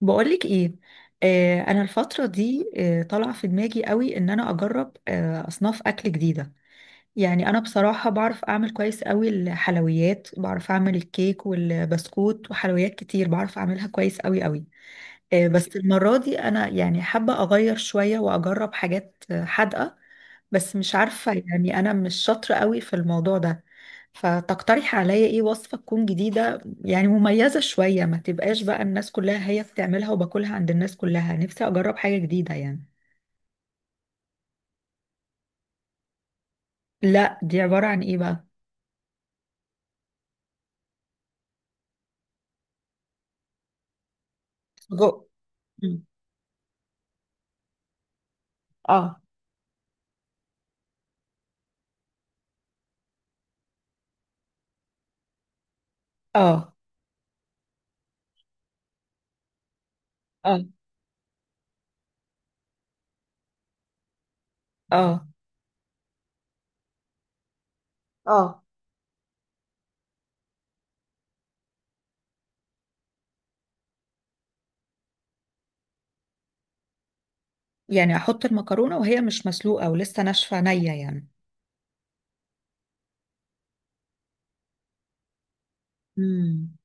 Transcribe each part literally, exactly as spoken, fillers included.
بقولك ايه؟ آه انا الفتره دي آه طالعه في دماغي قوي ان انا اجرب آه اصناف اكل جديده. يعني انا بصراحه بعرف اعمل كويس قوي الحلويات، بعرف اعمل الكيك والبسكوت وحلويات كتير، بعرف اعملها كويس قوي قوي. آه، بس المرة دي أنا يعني حابة أغير شوية وأجرب حاجات آه، حادقة. بس مش عارفة، يعني أنا مش شاطرة قوي في الموضوع ده. فتقترح عليا إيه وصفة تكون جديدة يعني، مميزة شوية، ما تبقاش بقى الناس كلها هي بتعملها وباكلها عند الناس كلها. نفسي أجرب حاجة جديدة يعني. لا، دي عبارة عن إيه بقى؟ سجق. مم. اه. اه. اه. اه. اه، يعني أحط المكرونة وهي مش مسلوقة ولسه ناشفة نية يعني؟ مم.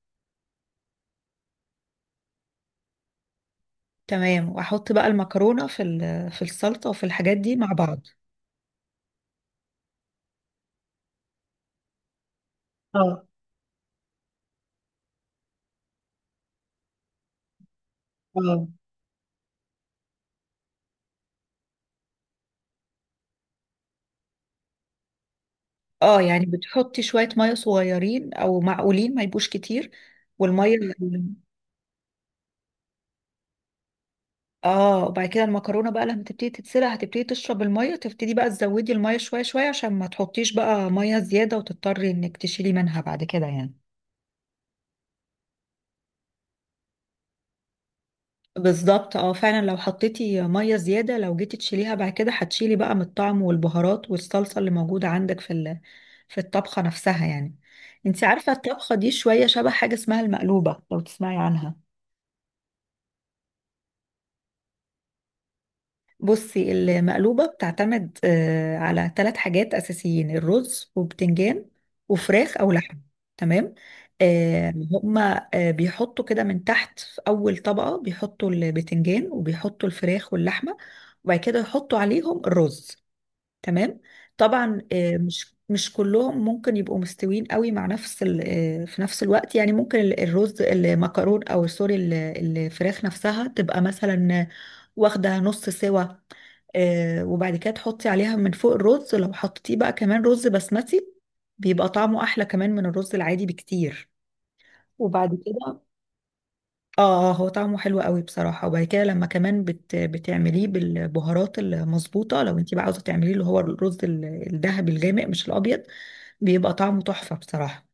تمام، واحط بقى المكرونه في ال- في السلطه وفي الحاجات دي مع بعض. اه. اه. اه، يعني بتحطي شويه ميه صغيرين او معقولين، ما يبقوش كتير. والميه اللي- اه، وبعد كده المكرونه بقى لما تبتدي تتسلق هتبتدي تشرب الميه، تبتدي بقى تزودي الميه شويه شويه عشان ما تحطيش بقى ميه زياده وتضطري انك تشيلي منها بعد كده يعني. بالظبط اه، فعلا لو حطيتي ميه زياده لو جيتي تشيليها بعد كده هتشيلي بقى من الطعم والبهارات والصلصه اللي موجوده عندك في ال- في الطبخه نفسها يعني. انت عارفه الطبخه دي شويه شبه حاجه اسمها المقلوبه، لو تسمعي عنها. بصي، المقلوبة بتعتمد آه، على ثلاث حاجات أساسيين: الرز وبتنجان وفراخ أو لحم. تمام. آه، هما آه، بيحطوا كده من تحت في أول طبقة بيحطوا البتنجان وبيحطوا الفراخ واللحمة، وبعد كده يحطوا عليهم الرز. تمام. طبعا آه، مش مش كلهم ممكن يبقوا مستويين قوي مع نفس ال- آه، في نفس الوقت يعني. ممكن ال- الرز المكرون او سوري ال- الفراخ نفسها تبقى مثلا واخده نص سوا. آه، وبعد كده تحطي عليها من فوق الرز، لو حطيتيه بقى كمان رز بسمتي بيبقى طعمه احلى كمان من الرز العادي بكتير. وبعد كده اه، هو طعمه حلو قوي بصراحة، وبعد كده لما كمان بت بتعمليه بالبهارات المظبوطة لو انت بقى عاوزة تعمليه اللي هو الرز ال- الذهبي الغامق، مش الأبيض، بيبقى طعمه تحفة بصراحة.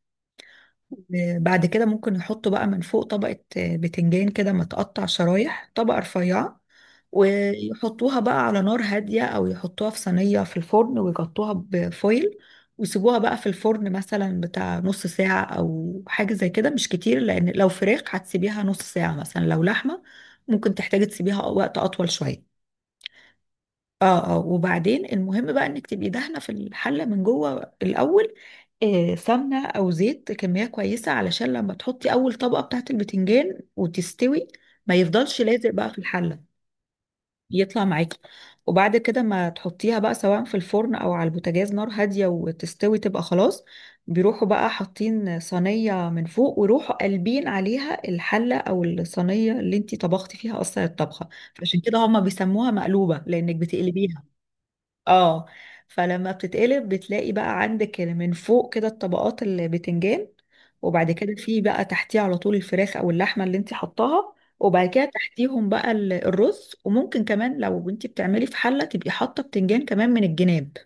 بعد كده ممكن نحطه بقى من فوق طبقة آه، بتنجان كده متقطع شرايح، طبقة رفيعة. ويحطوها بقى على نار هادية أو يحطوها في صينية في الفرن ويغطوها بفويل، ويسيبوها بقى في الفرن مثلا بتاع نص ساعة أو حاجة زي كده، مش كتير. لأن لو فراخ هتسيبيها نص ساعة مثلا، لو لحمة ممكن تحتاجي تسيبيها وقت أطول شوية. اه اه، وبعدين المهم بقى انك تبقي دهنه في الحله من جوه الاول آه، سمنة أو زيت، كمية كويسة، علشان لما تحطي أول طبقة بتاعة البتنجان وتستوي ما يفضلش لازق بقى في الحلة يطلع معاكي. وبعد كده ما تحطيها بقى سواء في الفرن أو على البوتاجاز، نار هادية، وتستوي تبقى خلاص. بيروحوا بقى حاطين صينية من فوق ويروحوا قلبين عليها الحلة أو الصينية اللي انتي طبختي فيها أصلا الطبخة. فعشان كده هما بيسموها مقلوبة لأنك بتقلبيها. اه. فلما بتتقلب بتلاقي بقى عندك من فوق كده الطبقات، البتنجان، وبعد كده في بقى تحتيه على طول الفراخ او اللحمه اللي انت حطاها، وبعد كده تحتيهم بقى ال- الرز. وممكن كمان لو انت بتعملي في حله تبقي حاطه بتنجان كمان من الجناب.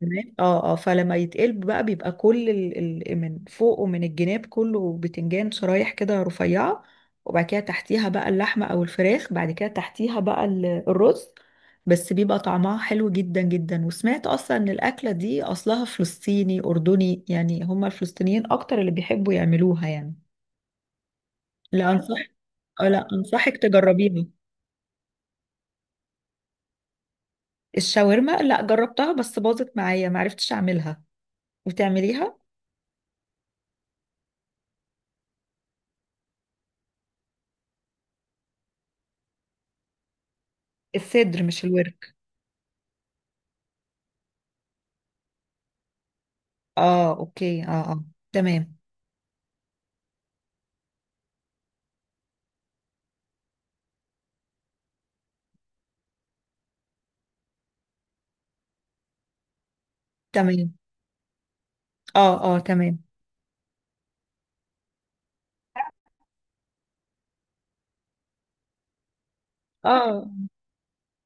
تمام اه اه. فلما يتقلب بقى بيبقى كل ال... ال... من فوق ومن الجناب كله بتنجان شرايح كده رفيعة، وبعد كده تحتيها بقى اللحمة أو الفراخ، بعد كده تحتيها بقى ال- الرز. بس بيبقى طعمها حلو جدا جدا. وسمعت أصلا إن الأكلة دي أصلها فلسطيني أردني يعني، هما الفلسطينيين أكتر اللي بيحبوا يعملوها يعني. لا أنصح آه، لا أنصحك تجربيها. الشاورما، لا جربتها بس باظت معايا، معرفتش أعملها وتعمليها. الصدر مش الورك. اه اوكي اه اه. تمام. تمام اه اه تمام. اه.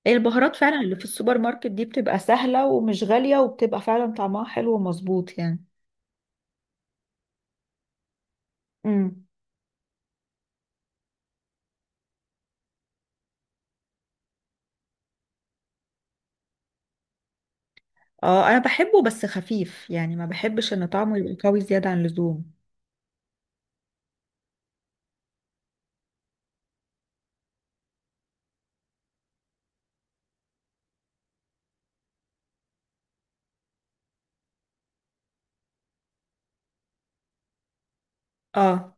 البهارات فعلا اللي في السوبر ماركت دي بتبقى سهلة ومش غالية وبتبقى فعلا طعمها حلو ومظبوط يعني. امم. اه، انا بحبه بس خفيف يعني، ما بحبش ان طعمه يبقى قوي زيادة عن اللزوم. اه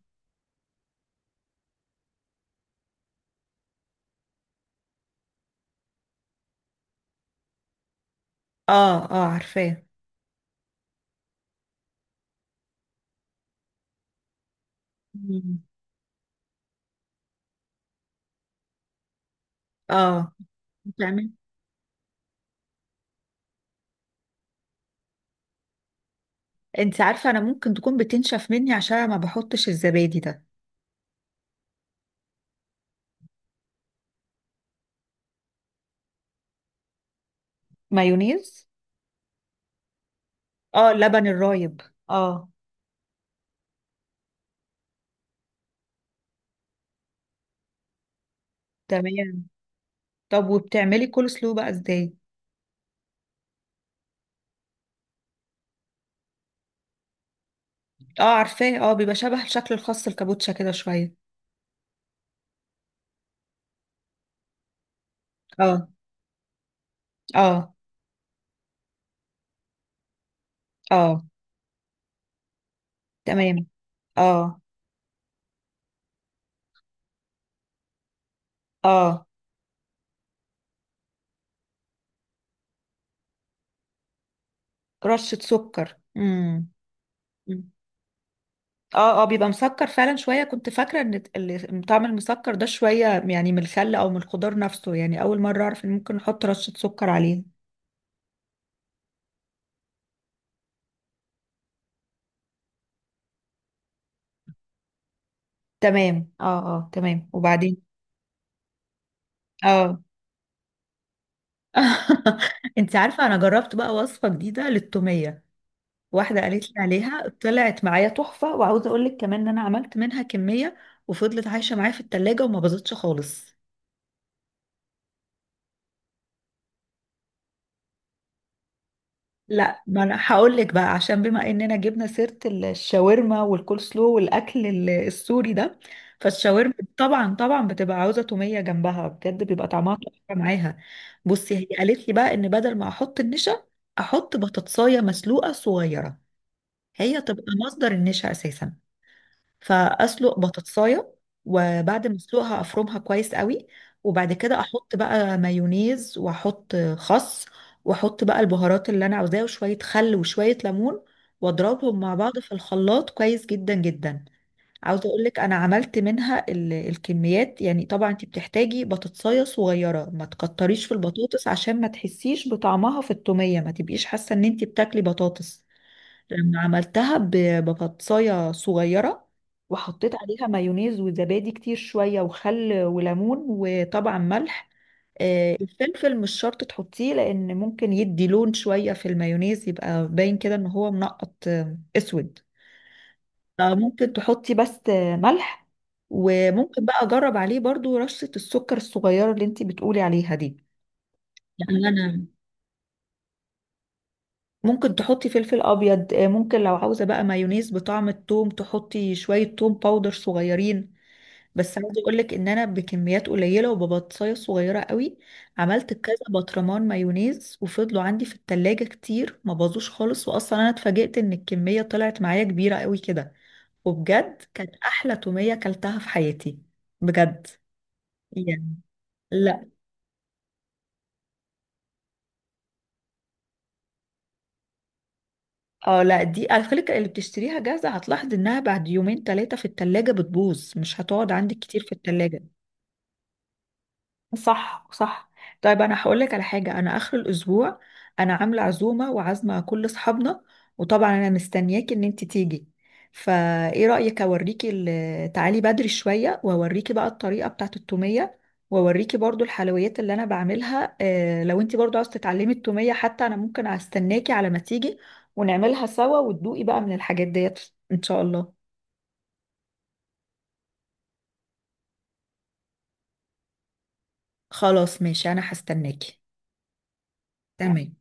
اه. اه عارفاه. مم. اه. بتعمل انت عارفة انا ممكن تكون بتنشف مني عشان أنا ما بحطش الزبادي ده. مايونيز. اه، اللبن الرايب. اه. تمام، طب وبتعملي كول سلو بقى ازاي؟ اه عارفاه، اه بيبقى شبه الشكل الخاص الكابوتشا كده شوية. اه. اه. اه. تمام. اه اه. رشة سكر. امم. اه اه، بيبقى مسكر فعلا شوية، كنت فاكرة ان ال- طعم المسكر ده شوية يعني من الخل او من الخضار نفسه يعني، اول مرة اعرف ان ممكن نحط رشة سكر عليه. تمام اه. اه تمام وبعدين. اه. انت عارفة انا جربت بقى وصفة جديدة للتومية، واحدة قالت لي عليها طلعت معايا تحفة، وعاوزة اقول لك كمان ان انا عملت منها كمية وفضلت عايشة معايا في التلاجة وما باظتش خالص. لا، ما انا هقول لك بقى عشان بما اننا جبنا سيرة الشاورما والكول سلو والاكل ال- السوري ده، فالشاورما طبعا طبعا بتبقى عاوزة تومية جنبها، بجد بيبقى طعمها تحفة معاها. بصي هي قالت لي بقى ان بدل ما احط النشا احط بطاطساية مسلوقة صغيرة، هي تبقى مصدر النشا اساسا. فاسلق بطاطسايه وبعد ما اسلقها افرمها كويس قوي، وبعد كده احط بقى مايونيز واحط خس، واحط بقى البهارات اللي انا عاوزاها وشويه خل وشويه ليمون، واضربهم مع بعض في الخلاط كويس جدا جدا. عاوزه اقول لك انا عملت منها ال- الكميات يعني. طبعا انت بتحتاجي بطاطسايه صغيره، ما تكتريش في البطاطس عشان ما تحسيش بطعمها في التوميه، ما تبقيش حاسه ان انت بتاكلي بطاطس. لما عملتها ب- ببطايه صغيره وحطيت عليها مايونيز وزبادي كتير شويه وخل وليمون وطبعا ملح. آه، الفلفل مش شرط تحطيه لان ممكن يدي لون شويه في المايونيز، يبقى باين كده ان هو منقط آه، اسود. فممكن تحطي بس آه، ملح، وممكن بقى اجرب عليه برضو رشة السكر الصغيرة اللي انتي بتقولي عليها دي. يعني انا ممكن تحطي فلفل ابيض آه، ممكن لو عاوزه بقى مايونيز بطعم التوم تحطي شويه توم باودر صغيرين. بس عاوزه اقول لك ان انا بكميات قليله وببطايه صغيره قوي عملت كذا برطمان مايونيز وفضلوا عندي في التلاجة كتير ما باظوش خالص، واصلا انا اتفاجئت ان الكميه طلعت معايا كبيره قوي كده. وبجد كانت احلى توميه اكلتها في حياتي، بجد. يعني لا، اه لا، دي على فكرة اللي بتشتريها جاهزة هتلاحظ انها بعد يومين ثلاثة في التلاجة بتبوظ، مش هتقعد عندك كتير في التلاجة. صح صح. طيب انا هقول لك على حاجه. انا اخر الاسبوع انا عامله عزومه وعازمه كل اصحابنا، وطبعا انا مستنياكي ان انت تيجي. فايه رايك اوريكي ال- تعالي بدري شويه واوريكي بقى الطريقه بتاعه التوميه، واوريكي برضو الحلويات اللي انا بعملها. آه، لو انت برضو عاوزه تتعلمي التوميه حتى انا ممكن استناكي على ما تيجي ونعملها سوا وتدوقي بقى من الحاجات ديت، ان شاء الله. خلاص، ماشي، انا هستناكي. تمام.